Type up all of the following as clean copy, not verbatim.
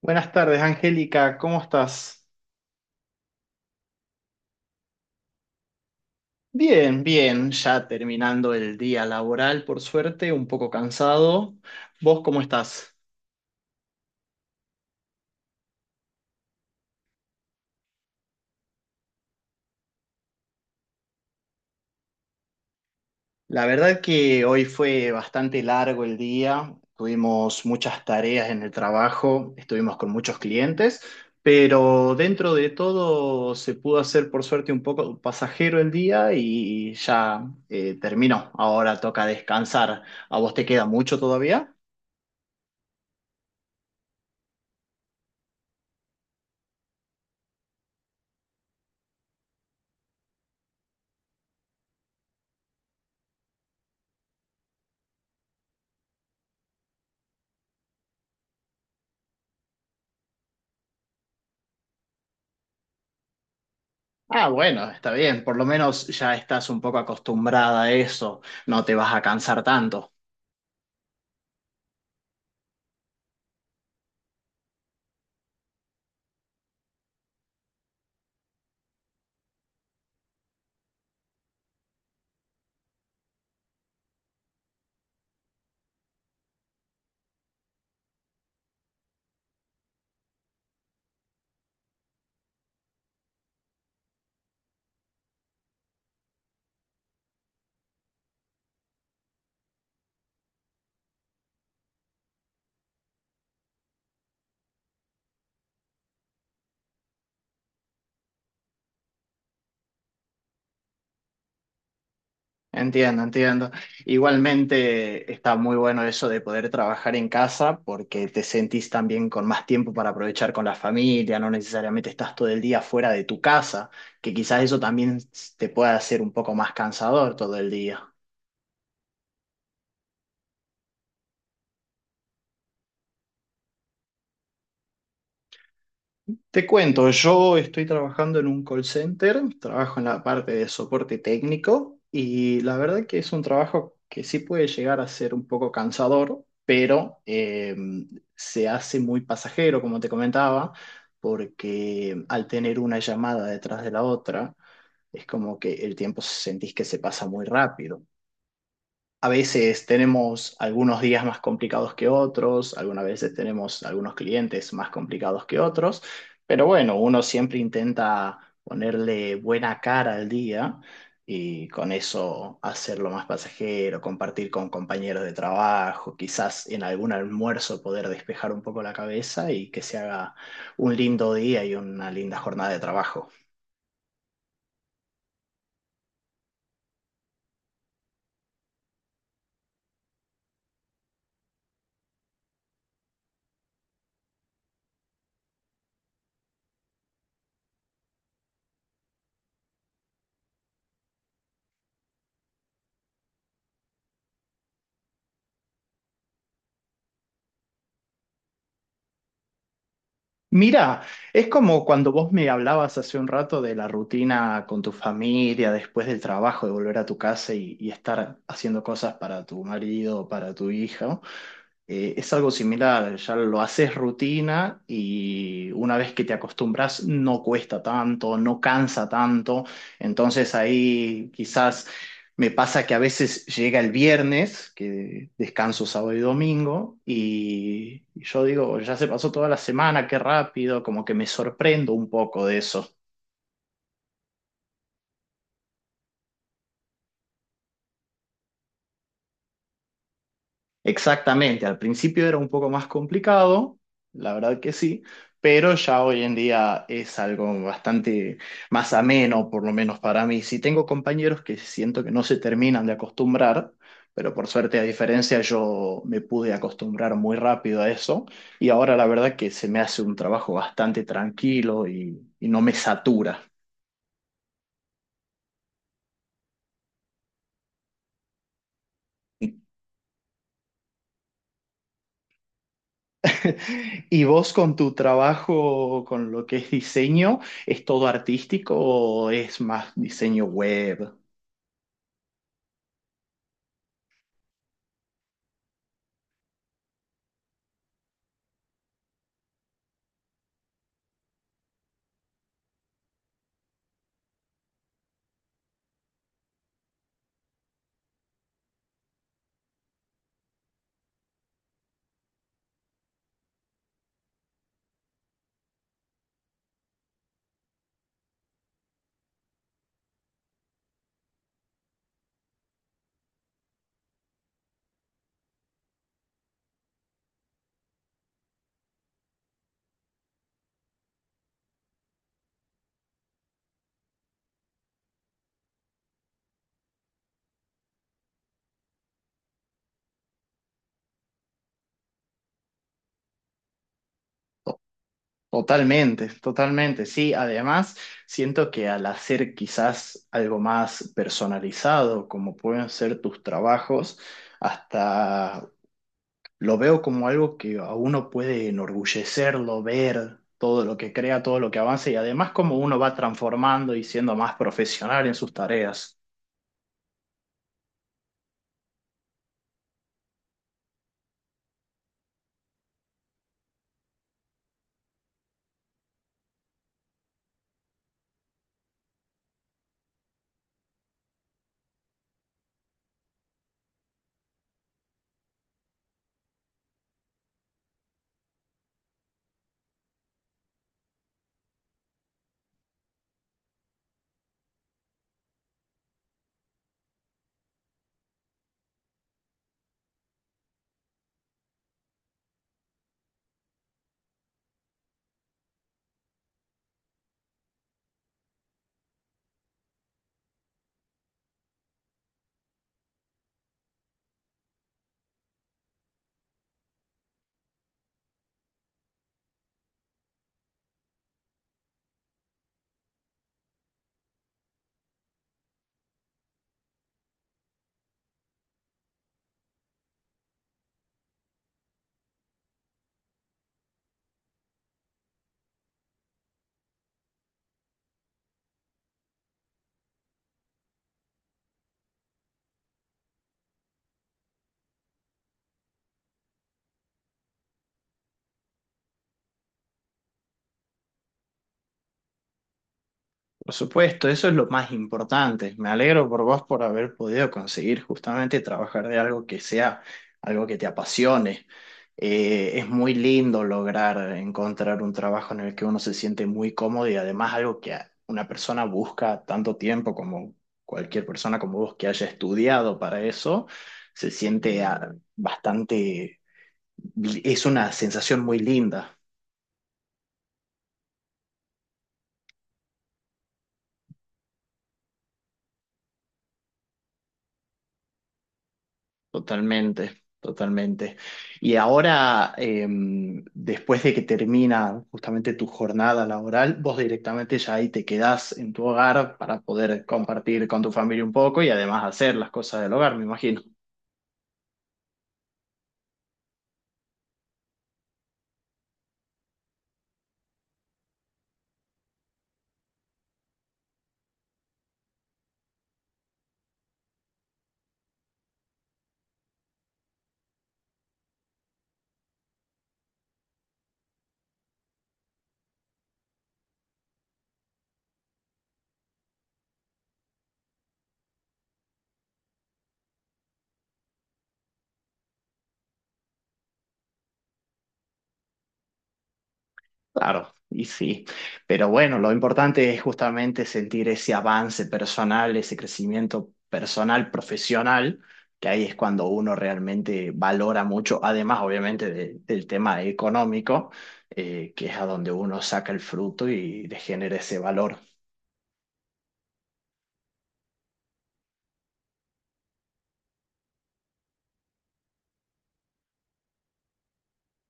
Buenas tardes, Angélica, ¿cómo estás? Bien, ya terminando el día laboral, por suerte, un poco cansado. ¿Vos cómo estás? La verdad que hoy fue bastante largo el día, tuvimos muchas tareas en el trabajo, estuvimos con muchos clientes, pero dentro de todo se pudo hacer por suerte un poco pasajero el día y ya terminó. Ahora toca descansar. ¿A vos te queda mucho todavía? Ah, bueno, está bien, por lo menos ya estás un poco acostumbrada a eso, no te vas a cansar tanto. Entiendo. Igualmente está muy bueno eso de poder trabajar en casa porque te sentís también con más tiempo para aprovechar con la familia, no necesariamente estás todo el día fuera de tu casa, que quizás eso también te pueda hacer un poco más cansador todo el día. Te cuento, yo estoy trabajando en un call center, trabajo en la parte de soporte técnico y la verdad que es un trabajo que sí puede llegar a ser un poco cansador, pero se hace muy pasajero, como te comentaba, porque al tener una llamada detrás de la otra, es como que el tiempo sentís que se pasa muy rápido. A veces tenemos algunos días más complicados que otros, algunas veces tenemos algunos clientes más complicados que otros, pero bueno, uno siempre intenta ponerle buena cara al día y con eso hacerlo más pasajero, compartir con compañeros de trabajo, quizás en algún almuerzo poder despejar un poco la cabeza y que se haga un lindo día y una linda jornada de trabajo. Mira, es como cuando vos me hablabas hace un rato de la rutina con tu familia, después del trabajo, de volver a tu casa y estar haciendo cosas para tu marido, para tu hija es algo similar, ya lo haces rutina y una vez que te acostumbras no cuesta tanto, no cansa tanto, entonces ahí quizás me pasa que a veces llega el viernes, que descanso sábado y domingo, y yo digo, ya se pasó toda la semana, qué rápido, como que me sorprendo un poco de eso. Exactamente, al principio era un poco más complicado, la verdad que sí, pero ya hoy en día es algo bastante más ameno, por lo menos para mí. Sí tengo compañeros que siento que no se terminan de acostumbrar, pero por suerte, a diferencia, yo me pude acostumbrar muy rápido a eso y ahora la verdad que se me hace un trabajo bastante tranquilo y no me satura. ¿Y vos con tu trabajo, con lo que es diseño, es todo artístico o es más diseño web? To- Totalmente, totalmente, sí. Además, siento que al hacer quizás algo más personalizado, como pueden ser tus trabajos, hasta lo veo como algo que a uno puede enorgullecerlo, ver todo lo que crea, todo lo que avanza y además como uno va transformando y siendo más profesional en sus tareas. Por supuesto, eso es lo más importante. Me alegro por vos por haber podido conseguir justamente trabajar de algo que sea algo que te apasione. Es muy lindo lograr encontrar un trabajo en el que uno se siente muy cómodo y además algo que una persona busca tanto tiempo como cualquier persona como vos que haya estudiado para eso, se siente ah, bastante, es una sensación muy linda. Totalmente, totalmente. Y ahora, después de que termina justamente tu jornada laboral, vos directamente ya ahí te quedás en tu hogar para poder compartir con tu familia un poco y además hacer las cosas del hogar, me imagino. Claro, y sí, pero bueno, lo importante es justamente sentir ese avance personal, ese crecimiento personal, profesional, que ahí es cuando uno realmente valora mucho, además obviamente del tema económico, que es a donde uno saca el fruto y le genera ese valor.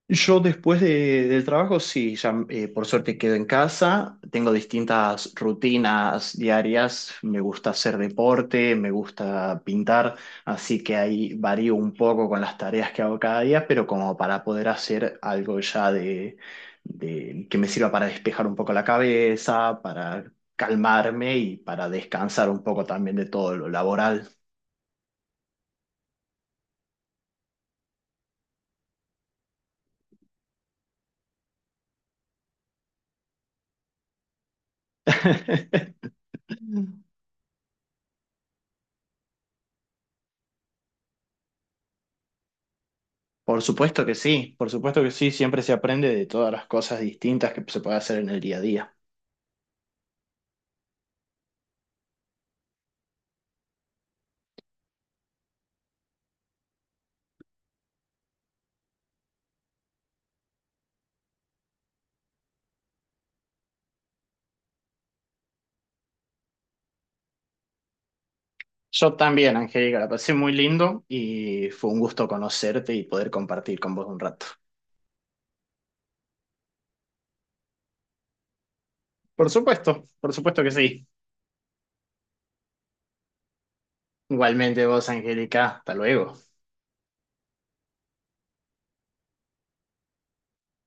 Yo después del trabajo, sí, ya por suerte quedo en casa, tengo distintas rutinas diarias, me gusta hacer deporte, me gusta pintar, así que ahí varío un poco con las tareas que hago cada día, pero como para poder hacer algo ya que me sirva para despejar un poco la cabeza, para calmarme y para descansar un poco también de todo lo laboral. Por supuesto que sí, por supuesto que sí, siempre se aprende de todas las cosas distintas que se puede hacer en el día a día. Yo también, Angélica, la pasé muy lindo y fue un gusto conocerte y poder compartir con vos un rato. Por supuesto que sí. Igualmente vos, Angélica, hasta luego.